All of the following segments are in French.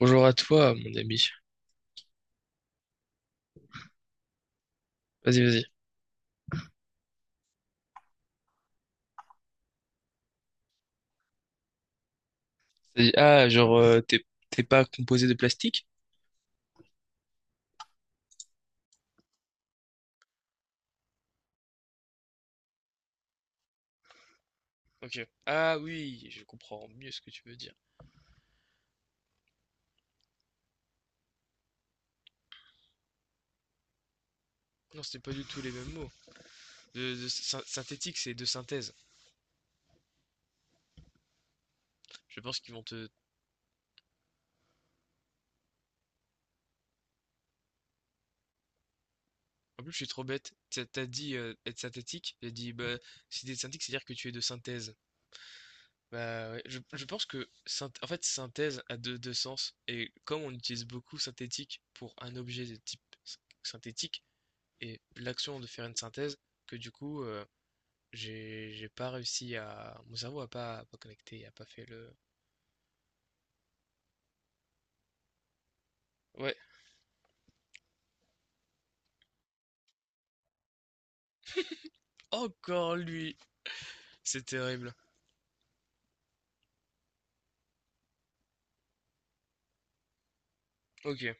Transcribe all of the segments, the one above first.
Bonjour à toi, mon ami. Vas-y, vas-y. Vas-y. Ah, genre, t'es pas composé de plastique? Ok. Ah oui, je comprends mieux ce que tu veux dire. Non, c'est pas du tout les mêmes mots. De synthétique, c'est de synthèse. Je pense qu'ils vont te. En plus, je suis trop bête. T'as dit être synthétique. J'ai dit, bah, si t'es synthétique, c'est-à-dire que tu es de synthèse. Bah ouais, je pense que en fait synthèse a deux sens et comme on utilise beaucoup synthétique pour un objet de type synthétique et l'action de faire une synthèse que du coup j'ai pas réussi à mon cerveau a pas connecté, a pas fait le. Ouais, encore lui, c'est terrible. OK,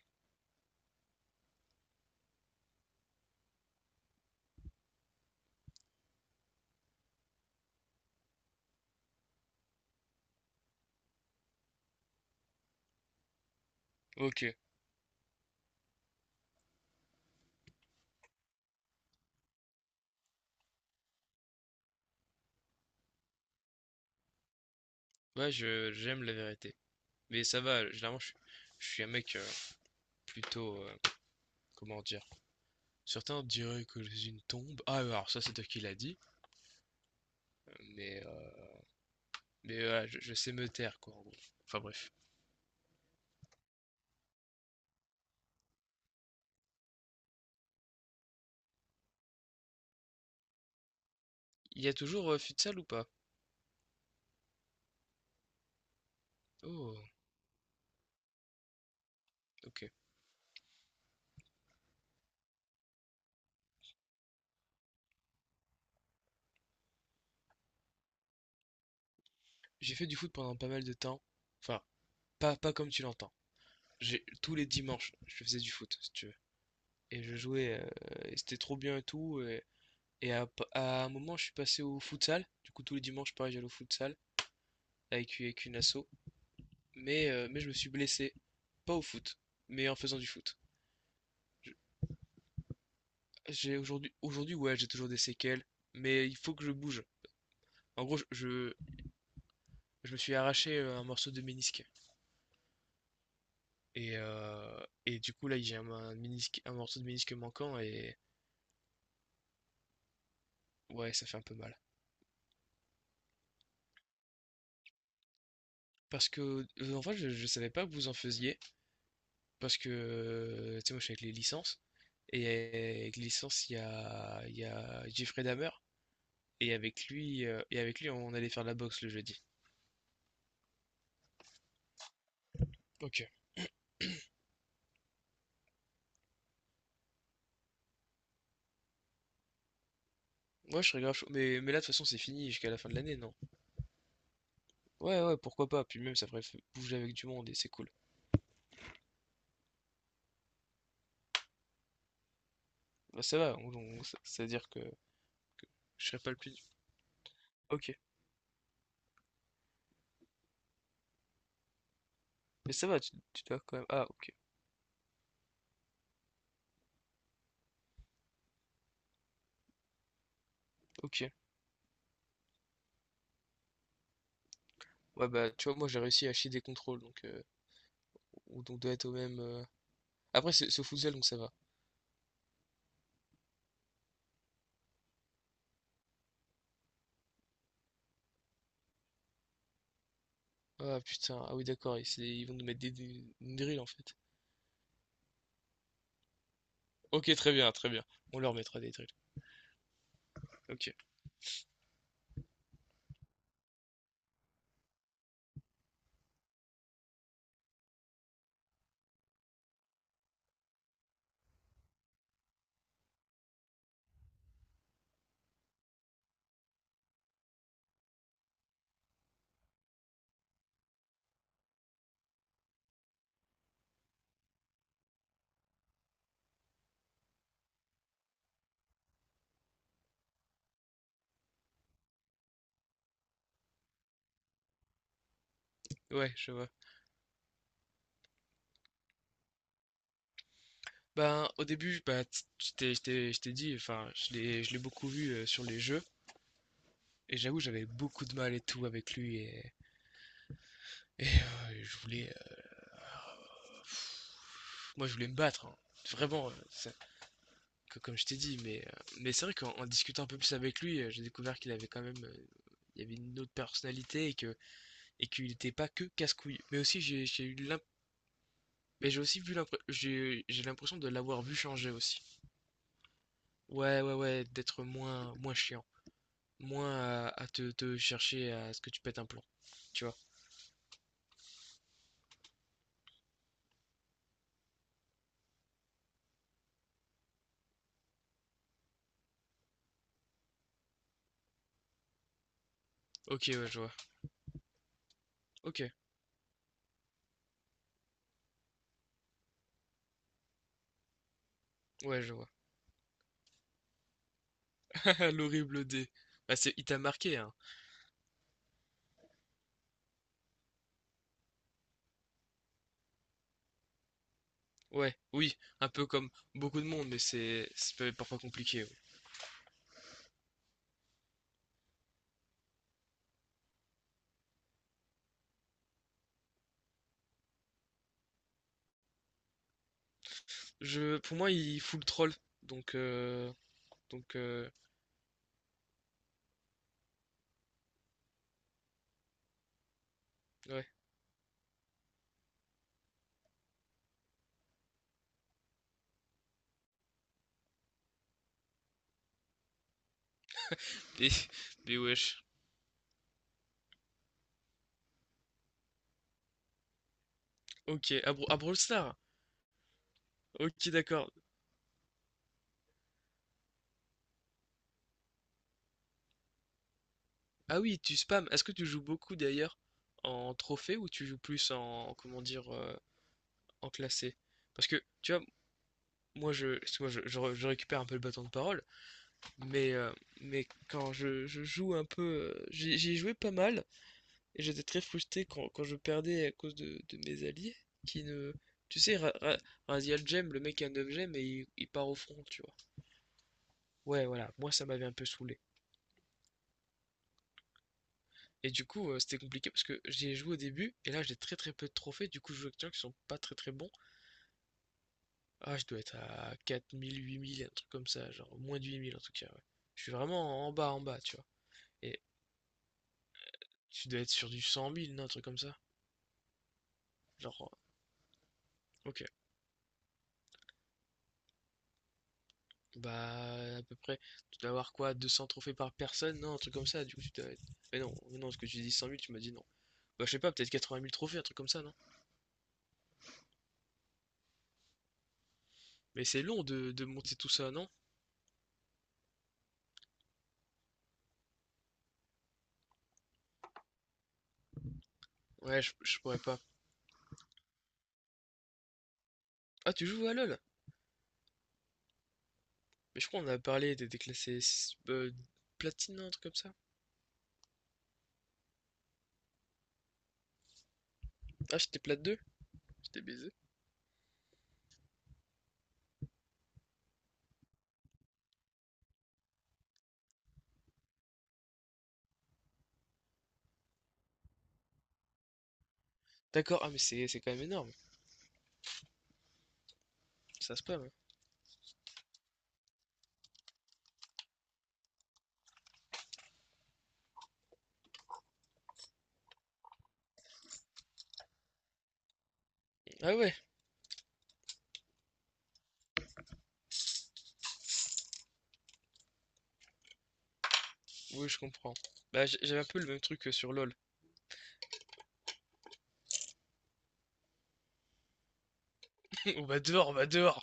OK. Ouais, je j'aime la vérité. Mais ça va, généralement je suis un mec plutôt comment dire? Certains diraient que je suis une tombe. Ah, alors ça c'est toi qui l'a dit. Mais euh, Mais voilà, je sais me taire, quoi, en gros. Enfin bref. Il y a toujours futsal ou pas? Oh, ok. J'ai fait du foot pendant pas mal de temps. Enfin, pas, pas comme tu l'entends. J'ai, tous les dimanches, je faisais du foot, si tu veux. Et je jouais, et c'était trop bien et tout. Et à un moment, je suis passé au futsal. Du coup, tous les dimanches, pareil, j'allais au futsal avec une asso. Mais je me suis blessé. Pas au foot, mais en faisant du foot. Je- J'ai aujourd'hui, ouais, j'ai toujours des séquelles. Mais il faut que je bouge. En gros, Je me suis arraché un morceau de ménisque. Et du coup, là, j'ai un ménisque, un morceau de ménisque manquant et ouais, ça fait un peu mal. Parce que, en fait, je savais pas que vous en faisiez. Parce que, tu sais, moi, je suis avec les licences. Et avec les licences, il y a Jeffrey Dahmer. Et avec lui, on allait faire de la boxe le jeudi. Ok. Ouais, je serais grave chaud. Mais là, de toute façon, c'est fini jusqu'à la fin de l'année, non? Ouais, ouais, pourquoi pas. Puis même, ça ferait bouger avec du monde et c'est cool. Bah, ça va, ça veut dire que je serais pas le plus. Ok. Mais ça va, tu dois quand même. Ah, ok. Ok. Ouais, bah, tu vois, moi j'ai réussi à chier des contrôles, donc on doit être au même. Après, c'est au futsal, donc ça va. Ah putain, ah oui, d'accord, ils vont nous mettre une drill en fait. Ok, très bien, très bien. On leur mettra des drills. Ok, ouais, je vois. Ben, au début, bah, je t'ai dit, enfin, je l'ai beaucoup vu sur les jeux, et j'avoue, j'avais beaucoup de mal et tout avec lui, et je voulais. Moi, je voulais me battre, hein. Vraiment, comme je t'ai dit, mais c'est vrai qu'en en discutant un peu plus avec lui, j'ai découvert qu'il avait quand même, il y avait une autre personnalité et qu'il n'était pas que casse-couille. Mais aussi, mais j'ai aussi vu j'ai l'impression de l'avoir vu changer aussi. Ouais, ouais, ouais, d'être moins, moins chiant, moins à te chercher à ce que tu pètes un plomb, tu vois. Ok, ouais, je vois. Ok, ouais, je vois. L'horrible dé. Bah, il t'a marqué, hein. Ouais, oui, un peu comme beaucoup de monde, mais c'est parfois compliqué. Ouais. Pour moi, il fout le troll. Donc, donc euh, ouais. Mais, mais wesh. Ok, à Brawl Stars. Ok, d'accord. Ah oui, tu spams. Est-ce que tu joues beaucoup d'ailleurs en trophée ou tu joues plus en, comment dire, en classé? Parce que, tu vois, moi, je récupère un peu le bâton de parole, mais, euh, mais quand je joue un peu, j'y ai joué pas mal. Et j'étais très frustré quand je perdais à cause de mes alliés qui ne. Tu sais, Raziel Gem, le mec a 9 gemmes et il part au front, tu vois. Ouais, voilà, moi ça m'avait un peu saoulé. Et du coup, c'était compliqué parce que j'y ai joué au début et là j'ai très très peu de trophées, du coup je joue avec des gens qui sont pas très très bons. Ah, je dois être à 4 000 8 000 un truc comme ça, genre moins de 8 000 en tout cas, ouais. Je suis vraiment en bas, tu vois. Et tu dois être sur du 100 000 non, un truc comme ça. Genre, ok, bah, à peu près, tu dois avoir quoi, 200 trophées par personne? Non, un truc comme ça, du coup, tu dois. Mais non, ce que tu dis 100 000 tu m'as dit non. Bah, je sais pas, peut-être 80 000 trophées, un truc comme ça, non? Mais c'est long de monter tout ça, non? Ouais, je pourrais pas. Ah, tu joues à LoL? Mais je crois qu'on a parlé des déclassés platine, un truc comme ça. Ah, j'étais plate deux. J'étais baisé. D'accord, ah, mais c'est quand même énorme, ça se passe. Ah ouais, oui, je comprends. Bah, j'avais un peu le même truc que sur LoL. On va dehors, on va dehors!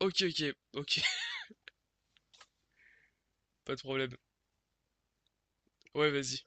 Ok, ok, ok, pas de problème. Ouais, vas-y.